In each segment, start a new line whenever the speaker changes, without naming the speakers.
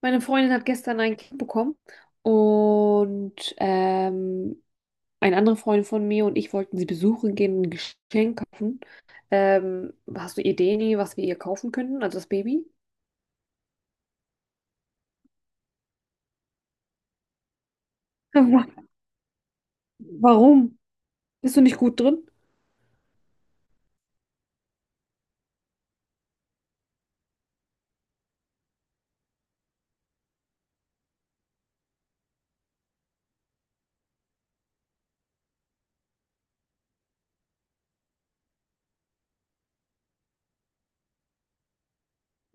Meine Freundin hat gestern ein Kind bekommen und eine andere Freundin von mir und ich wollten sie besuchen gehen und ein Geschenk kaufen. Hast du Ideen, was wir ihr kaufen könnten, also das Baby? Wa- Warum? Bist du nicht gut drin?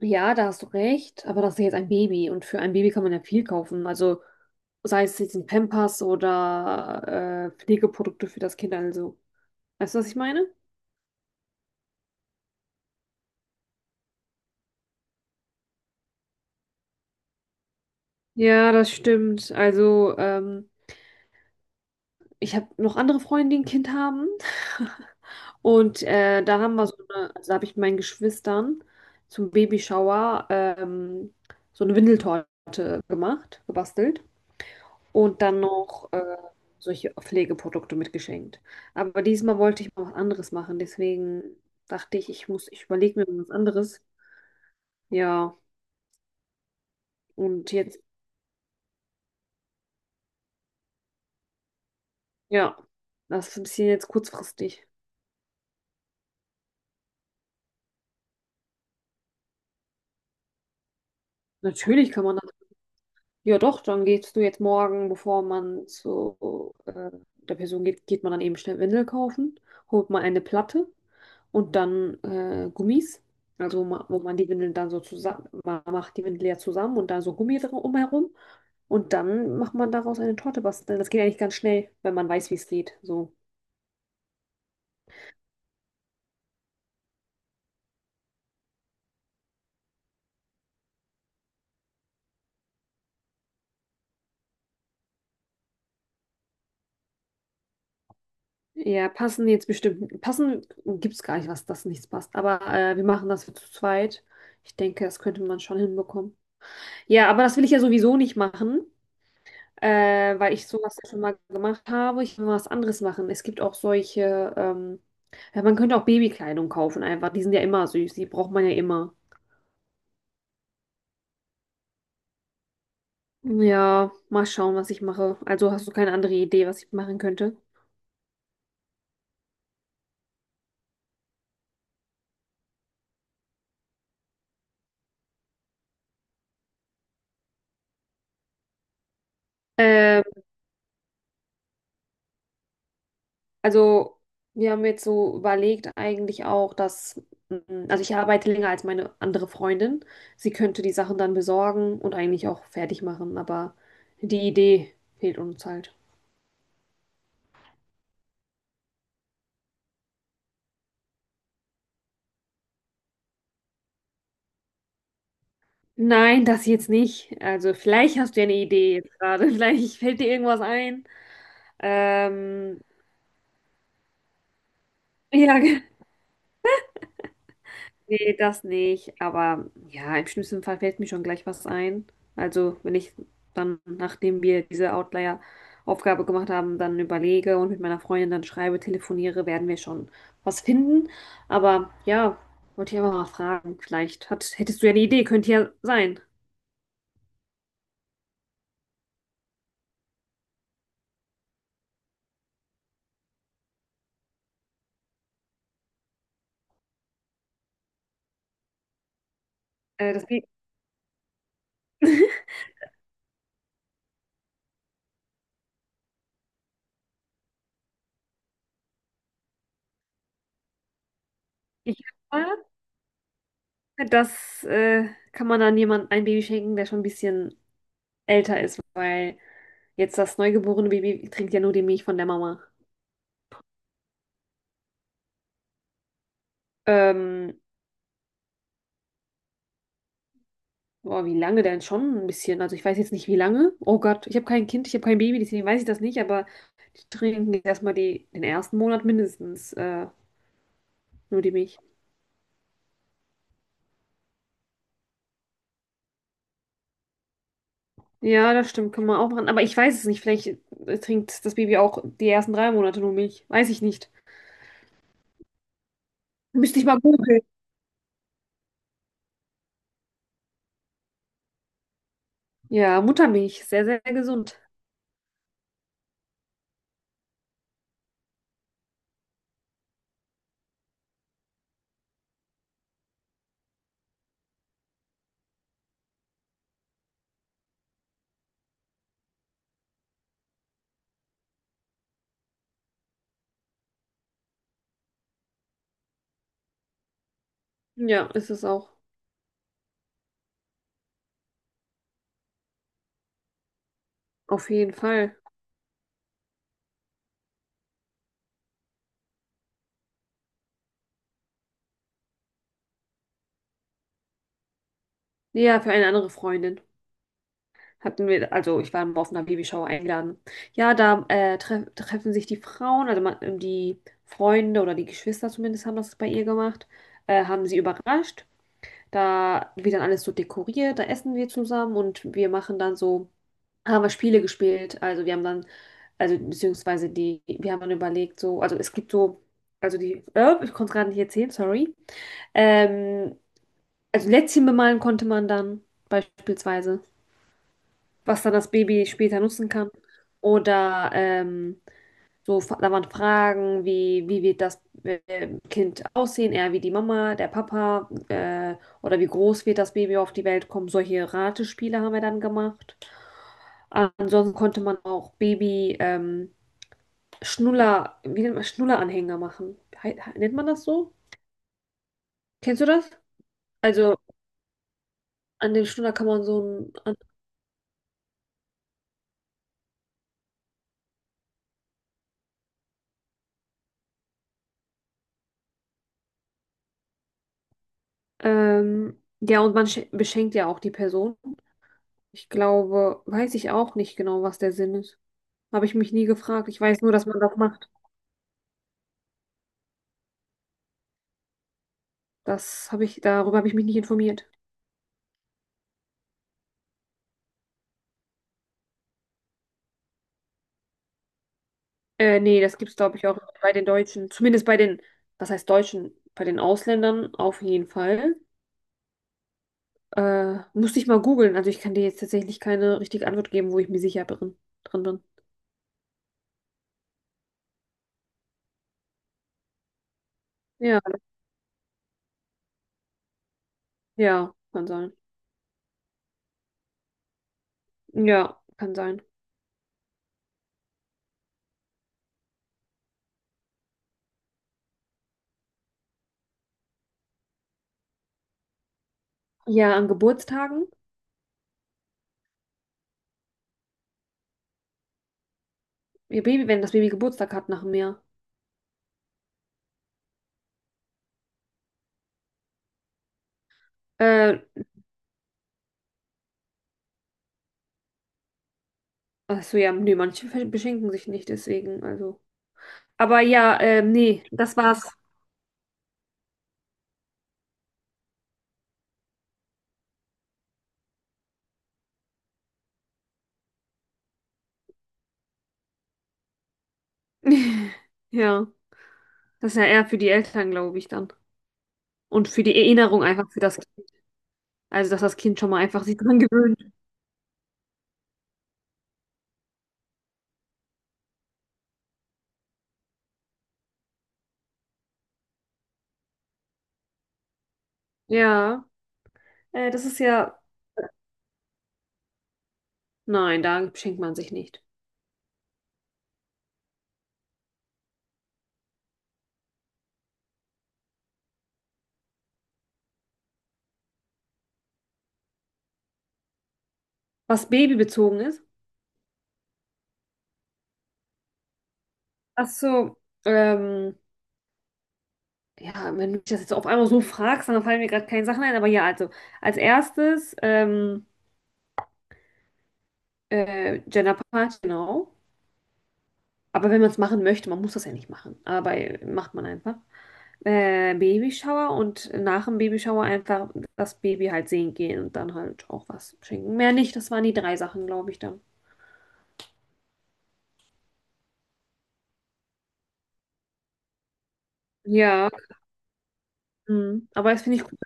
Ja, da hast du recht, aber das ist ja jetzt ein Baby, und für ein Baby kann man ja viel kaufen. Also sei es jetzt ein Pampers oder Pflegeprodukte für das Kind, also. Weißt du, was ich meine? Ja, das stimmt. Also, ich habe noch andere Freunde, die ein Kind haben. Und da haben wir so eine, also da habe ich meinen Geschwistern zum Babyshower so eine Windeltorte gemacht, gebastelt. Und dann noch solche Pflegeprodukte mitgeschenkt. Aber diesmal wollte ich mal was anderes machen. Deswegen dachte ich, ich überlege mir was anderes. Ja, und jetzt, ja, das ist ein bisschen jetzt kurzfristig. Natürlich kann man. Ja, doch, dann gehst du jetzt morgen, bevor man zu der Person geht, geht man dann eben schnell Windel kaufen, holt mal eine Platte und dann Gummis. Wo man die Windeln dann so zusammen, man macht die Windel ja zusammen und dann so Gummi drum umherum. Und dann macht man daraus eine Torte basteln. Das geht eigentlich ganz schnell, wenn man weiß, wie es geht. So. Ja, passen jetzt bestimmt. Passen gibt es gar nicht, was das nichts passt. Aber wir machen das zu zweit. Ich denke, das könnte man schon hinbekommen. Ja, aber das will ich ja sowieso nicht machen. Weil ich sowas ja schon mal gemacht habe. Ich will mal was anderes machen. Es gibt auch solche, ja, man könnte auch Babykleidung kaufen einfach. Die sind ja immer süß, die braucht man ja immer. Ja, mal schauen, was ich mache. Also hast du keine andere Idee, was ich machen könnte? Ähm, also wir haben jetzt so überlegt eigentlich auch, dass, also ich arbeite länger als meine andere Freundin. Sie könnte die Sachen dann besorgen und eigentlich auch fertig machen, aber die Idee fehlt uns halt. Nein, das jetzt nicht. Also vielleicht hast du ja eine Idee jetzt gerade. Vielleicht fällt dir irgendwas ein. Ähm, ja, nee, das nicht. Aber ja, im schlimmsten Fall fällt mir schon gleich was ein. Also wenn ich dann, nachdem wir diese Outlier-Aufgabe gemacht haben, dann überlege und mit meiner Freundin dann schreibe, telefoniere, werden wir schon was finden. Aber ja, wollte ich einfach mal fragen. Vielleicht hättest du ja eine Idee, könnte ja sein. Äh, das, ich, Das kann man dann jemand ein Baby schenken, der schon ein bisschen älter ist, weil jetzt das neugeborene Baby trinkt ja nur die Milch von der Mama. Ähm, Boah, wie lange denn schon? Ein bisschen. Also ich weiß jetzt nicht, wie lange. Oh Gott, ich habe kein Kind, ich habe kein Baby, deswegen weiß ich das nicht, aber die trinken jetzt erstmal die, den ersten Monat mindestens nur die Milch. Ja, das stimmt, kann man auch machen. Aber ich weiß es nicht. Vielleicht trinkt das Baby auch die ersten 3 Monate nur Milch. Weiß ich nicht. Müsste ich mal googeln. Ja, Muttermilch, sehr, sehr gesund. Ja, ist es auch. Auf jeden Fall. Ja, für eine andere Freundin. Hatten wir, also ich war mal auf einer Babyshower eingeladen. Ja, da treffen sich die Frauen, also man, die Freunde oder die Geschwister zumindest haben das bei ihr gemacht, haben sie überrascht. Da wird dann alles so dekoriert, da essen wir zusammen und wir machen dann so, haben wir Spiele gespielt. Also wir haben dann, also beziehungsweise die, wir haben dann überlegt, so, also es gibt so, ich konnte es gerade nicht erzählen, sorry. Ähm, Also Lätzchen bemalen konnte man dann beispielsweise, was dann das Baby später nutzen kann. Oder da waren Fragen wie, wie wird das Kind aussehen, eher wie die Mama, der Papa, oder wie groß wird das Baby auf die Welt kommen. Solche Ratespiele haben wir dann gemacht. Ansonsten konnte man auch Baby Schnuller, wie nennt man, Schnulleranhänger machen. Nennt man das so? Kennst du das? Also an den Schnuller kann man so einen. Ja, und man beschenkt ja auch die Person. Ich glaube, weiß ich auch nicht genau, was der Sinn ist. Habe ich mich nie gefragt. Ich weiß nur, dass man das macht. Das habe ich, darüber habe ich mich nicht informiert. Nee, das gibt's, glaube ich, auch bei den Deutschen. Zumindest bei den, was heißt Deutschen? Bei den Ausländern auf jeden Fall. Musste ich mal googeln. Also ich kann dir jetzt tatsächlich keine richtige Antwort geben, wo ich mir sicher drin bin. Ja, ja, kann sein. Ja, kann sein. Ja, an Geburtstagen. Ihr Baby, wenn das Baby Geburtstag hat nach einem Jahr. Äh, Ach so, ja, nee, manche beschenken sich nicht, deswegen, also. Aber ja, nee, das war's. Ja, das ist ja eher für die Eltern, glaube ich, dann. Und für die Erinnerung einfach für das Kind. Also, dass das Kind schon mal einfach sich dran gewöhnt. Ja, das ist ja. Nein, da beschenkt man sich nicht. Was babybezogen ist. Ach so, ähm, ja, wenn du mich das jetzt auf einmal so fragst, dann fallen mir gerade keine Sachen ein. Aber ja, also, als erstes, Gender Party, genau. Aber wenn man es machen möchte, man muss das ja nicht machen. Aber macht man einfach. Babyshower und nach dem Babyshower einfach das Baby halt sehen gehen und dann halt auch was schenken. Mehr nicht, das waren die drei Sachen, glaube ich, dann. Ja, mhm. Aber das finde ich gut.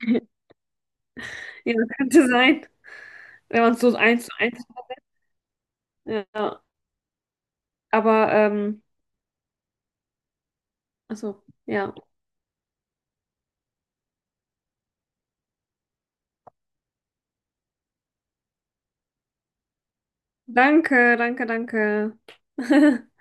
Ja, könnte sein, wenn man es so eins zu eins. Ja, aber, achso, ja. Danke, danke, danke.